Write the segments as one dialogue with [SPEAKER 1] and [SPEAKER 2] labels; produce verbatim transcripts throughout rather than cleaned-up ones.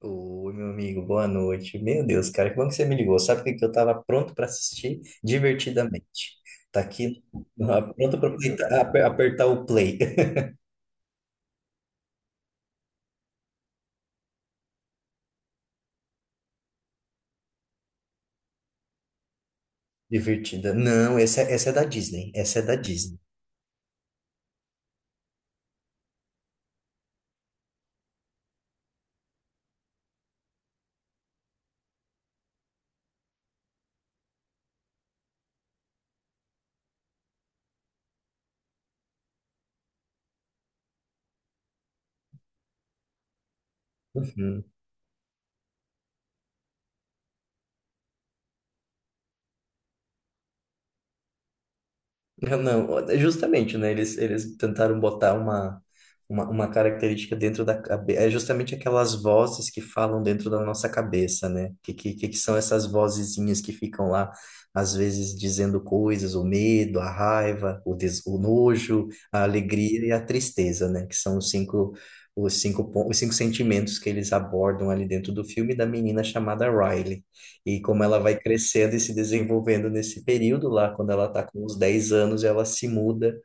[SPEAKER 1] Ô, meu amigo, boa noite. Meu Deus, cara, que bom que você me ligou. Sabe o que que eu tava pronto para assistir divertidamente? Tá aqui, ah, pronto para apertar o play. Divertida. Não, essa, é, essa é da Disney. Essa é da Disney. Uhum. Não, justamente, né? Eles, eles tentaram botar uma, uma, uma característica dentro da cabeça. É justamente aquelas vozes que falam dentro da nossa cabeça, né? Que, que, que são essas vozezinhas que ficam lá, às vezes, dizendo coisas, o medo, a raiva, o, des, o nojo, a alegria e a tristeza, né? Que são os cinco, os cinco, pon- os cinco sentimentos que eles abordam ali dentro do filme da menina chamada Riley. E como ela vai crescendo e se desenvolvendo nesse período lá, quando ela está com uns dez anos, ela se muda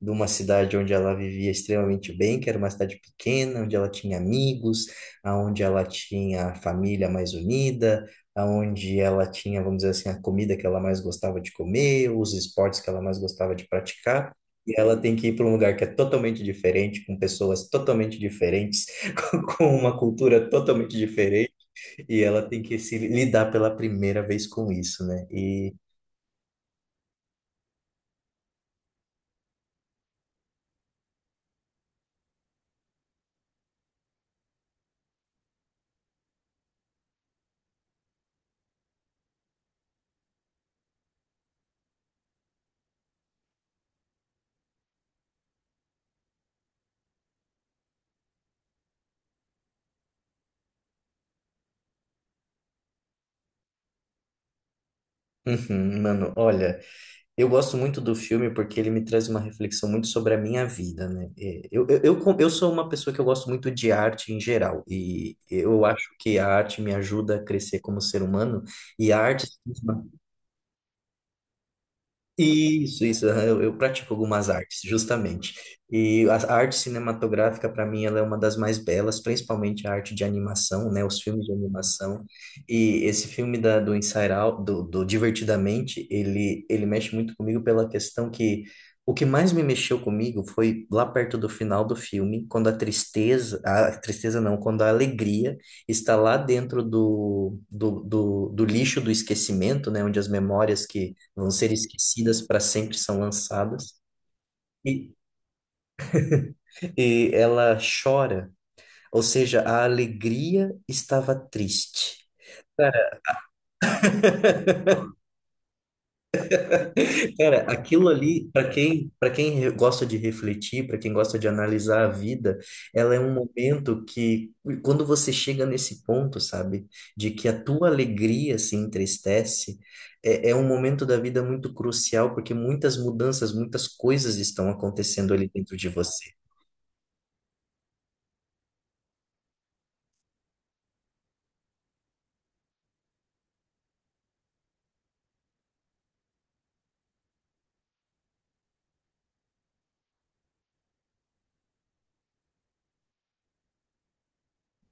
[SPEAKER 1] de uma cidade onde ela vivia extremamente bem, que era uma cidade pequena, onde ela tinha amigos, aonde ela tinha a família mais unida, aonde ela tinha, vamos dizer assim, a comida que ela mais gostava de comer, os esportes que ela mais gostava de praticar. E ela tem que ir para um lugar que é totalmente diferente, com pessoas totalmente diferentes, com uma cultura totalmente e ela tem que se lidar pela primeira vez com isso, né? E, uhum, mano, olha, eu gosto muito do filme porque ele me traz uma reflexão muito sobre a minha vida, né? E Eu, eu, eu, com- eu sou uma pessoa que eu gosto muito de arte em geral, e eu acho que a arte me ajuda a crescer como ser humano, e a arte Isso, isso. Aham, Eu, eu pratico algumas artes, justamente. E a a arte cinematográfica, para mim, ela é uma das mais belas, principalmente a arte de animação, né? Os filmes de animação. E esse filme da, do Inside Out, do, do Divertidamente, ele, ele mexe muito comigo pela questão que o que mais me mexeu comigo foi lá perto do final do filme, quando a tristeza, a tristeza não, quando a alegria está lá dentro do, do, do, do lixo do esquecimento, né? Onde as memórias que vão ser esquecidas para sempre, são lançadas. E, e ela chora, ou seja, a alegria estava triste. Cara, Cara, aquilo ali, para quem, para quem re- gosta de refletir, para quem gosta de analisar a vida, ela é um momento que, quando você chega nesse ponto, sabe, de que a tua alegria se entristece, é, é um momento da vida muito crucial, porque muitas mudanças, muitas coisas estão acontecendo ali dentro de você.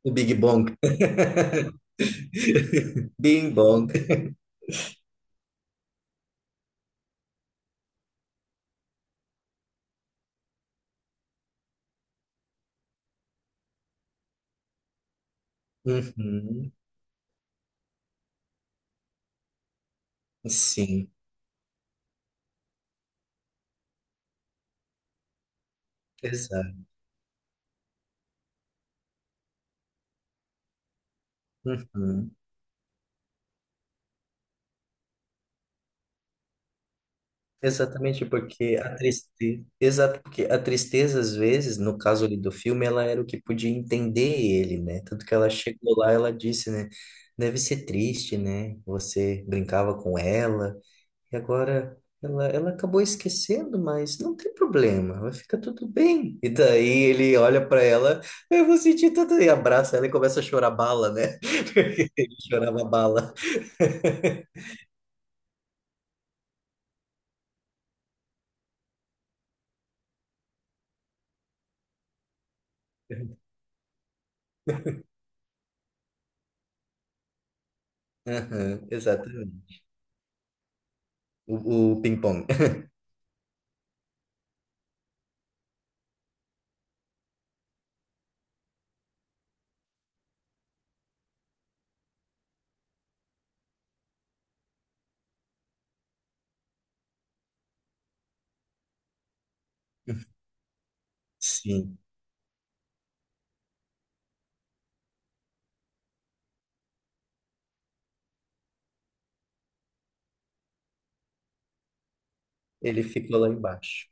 [SPEAKER 1] O Big Bang. Bing Bong. Uhum. Sim, exato. Uhum. Exatamente porque a tristeza, exato porque a tristeza às vezes, no caso ali do filme, ela era o que podia entender ele, né? Tanto que ela chegou lá, ela disse, né? Deve ser triste, né? Você brincava com ela e agora ela, ela acabou esquecendo, mas não tem problema, vai ficar tudo bem. E daí ele olha pra ela, eu vou sentir tudo e abraça ela e começa a chorar bala, né? Ele chorava bala. Aham, exatamente. O, o ping-pong. Sim, ele ficou lá embaixo.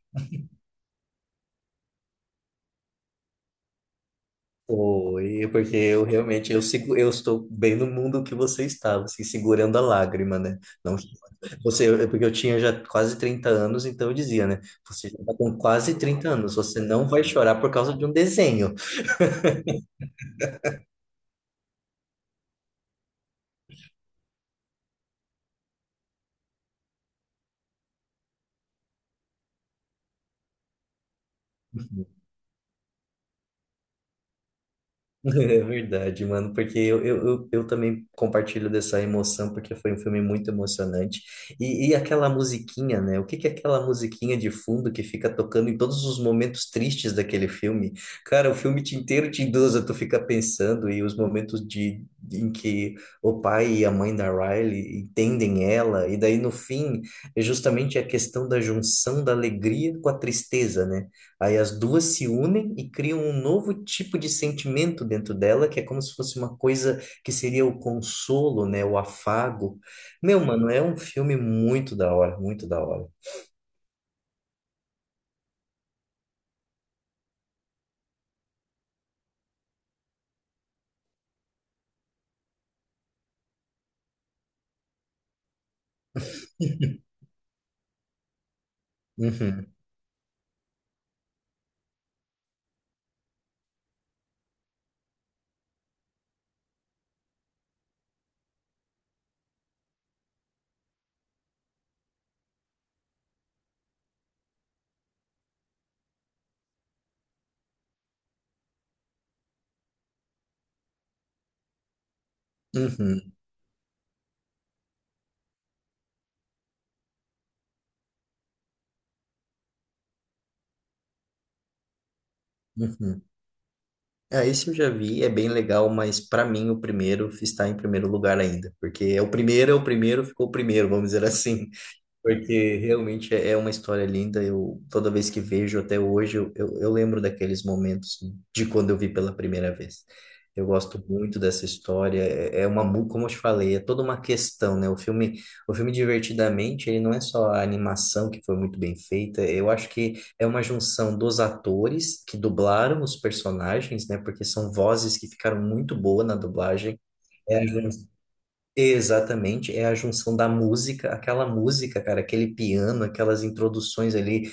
[SPEAKER 1] Foi, porque eu realmente eu, sigo, eu estou bem no mundo que você estava, assim, segurando a lágrima, né? Não, você, eu- porque eu tinha já quase trinta anos, então eu dizia, né? Você já está com quase trinta anos, você não vai chorar por causa de um desenho. É verdade, mano, porque eu, eu, eu, eu também compartilho dessa emoção, porque foi um filme muito emocionante. E, e aquela musiquinha, né? O que que é aquela musiquinha de fundo que fica tocando em todos os momentos tristes daquele filme? Cara, o filme te- inteiro te induz a tu ficar pensando, e os momentos de, em que o pai e a mãe da Riley entendem ela, e daí no fim, é justamente a questão da junção da alegria com a tristeza, né? Aí as duas se unem e criam um novo tipo de sentimento dentro dela, que é como se fosse uma coisa que seria o consolo, né? O afago. Meu, mano, é um filme muito da hora, muito da hora. Uhum, uhum, uhum. Ah, esse eu já vi, é bem legal, mas para mim o primeiro está em primeiro lugar ainda, porque é o primeiro, é o primeiro, ficou o primeiro, vamos dizer assim. Porque realmente é é uma história linda. Eu toda vez que vejo até hoje, eu, eu, eu lembro daqueles momentos de quando eu vi pela primeira vez. Eu gosto muito dessa história. É é uma, mu- como eu te falei, é toda uma questão, né? O filme, o filme Divertidamente, ele não é só a animação que foi muito bem feita. Eu acho que é uma junção dos atores que dublaram os personagens, né? Porque são vozes que ficaram muito boas na dublagem. Exatamente, é a junção da música, aquela música, cara, aquele piano, aquelas introduções ali.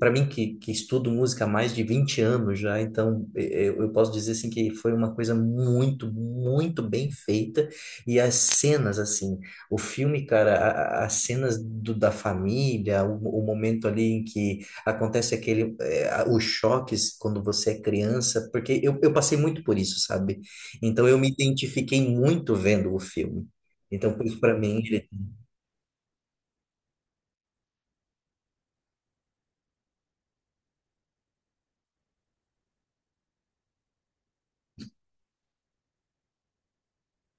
[SPEAKER 1] Para mim, que, que estudo música há mais de vinte anos já, então eh, eu, eu posso dizer assim que foi uma coisa muito, muito bem feita. E as cenas, assim, o filme, cara, a- a- as cenas do, da família, o, o momento ali em que acontece aquele, eh, a- os choques quando você é criança, porque eu, eu passei muito por isso, sabe? Então eu me identifiquei muito vendo o filme. Então, por isso, pra mim, ele-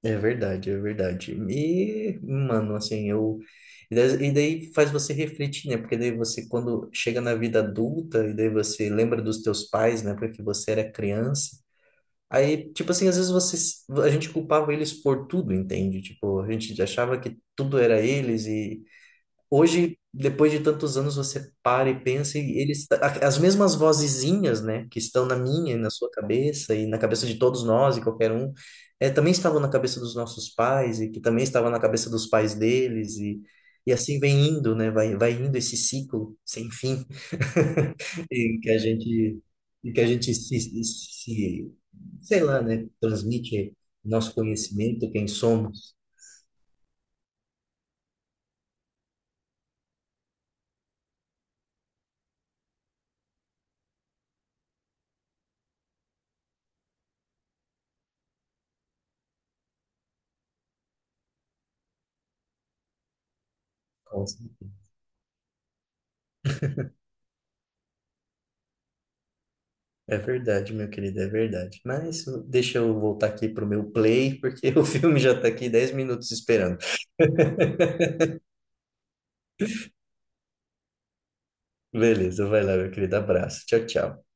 [SPEAKER 1] é verdade, é verdade. E, mano, assim, eu. E da- e daí faz você refletir, né? Porque daí você, quando chega na vida adulta, e daí você lembra dos teus pais, né? Porque você era criança. Aí, tipo assim, às vezes você, a gente culpava eles por tudo, entende? Tipo, a gente achava que tudo era eles e, hoje, depois de tantos anos, você para e pensa, e eles, a- as mesmas vozezinhas, né, que estão na minha e na sua cabeça, e na cabeça de todos nós e qualquer um, é, também estavam na cabeça dos nossos pais, e que também estavam na cabeça dos pais deles, e, e assim vem indo, né, vai, vai indo esse ciclo sem fim, em que a gente, em que a gente se, se, sei lá, né, transmite nosso conhecimento, quem somos. É verdade, meu querido, é verdade. Mas deixa eu voltar aqui pro meu play, porque o filme já tá aqui dez minutos esperando. Beleza, vai lá, meu querido. Abraço. Tchau, tchau.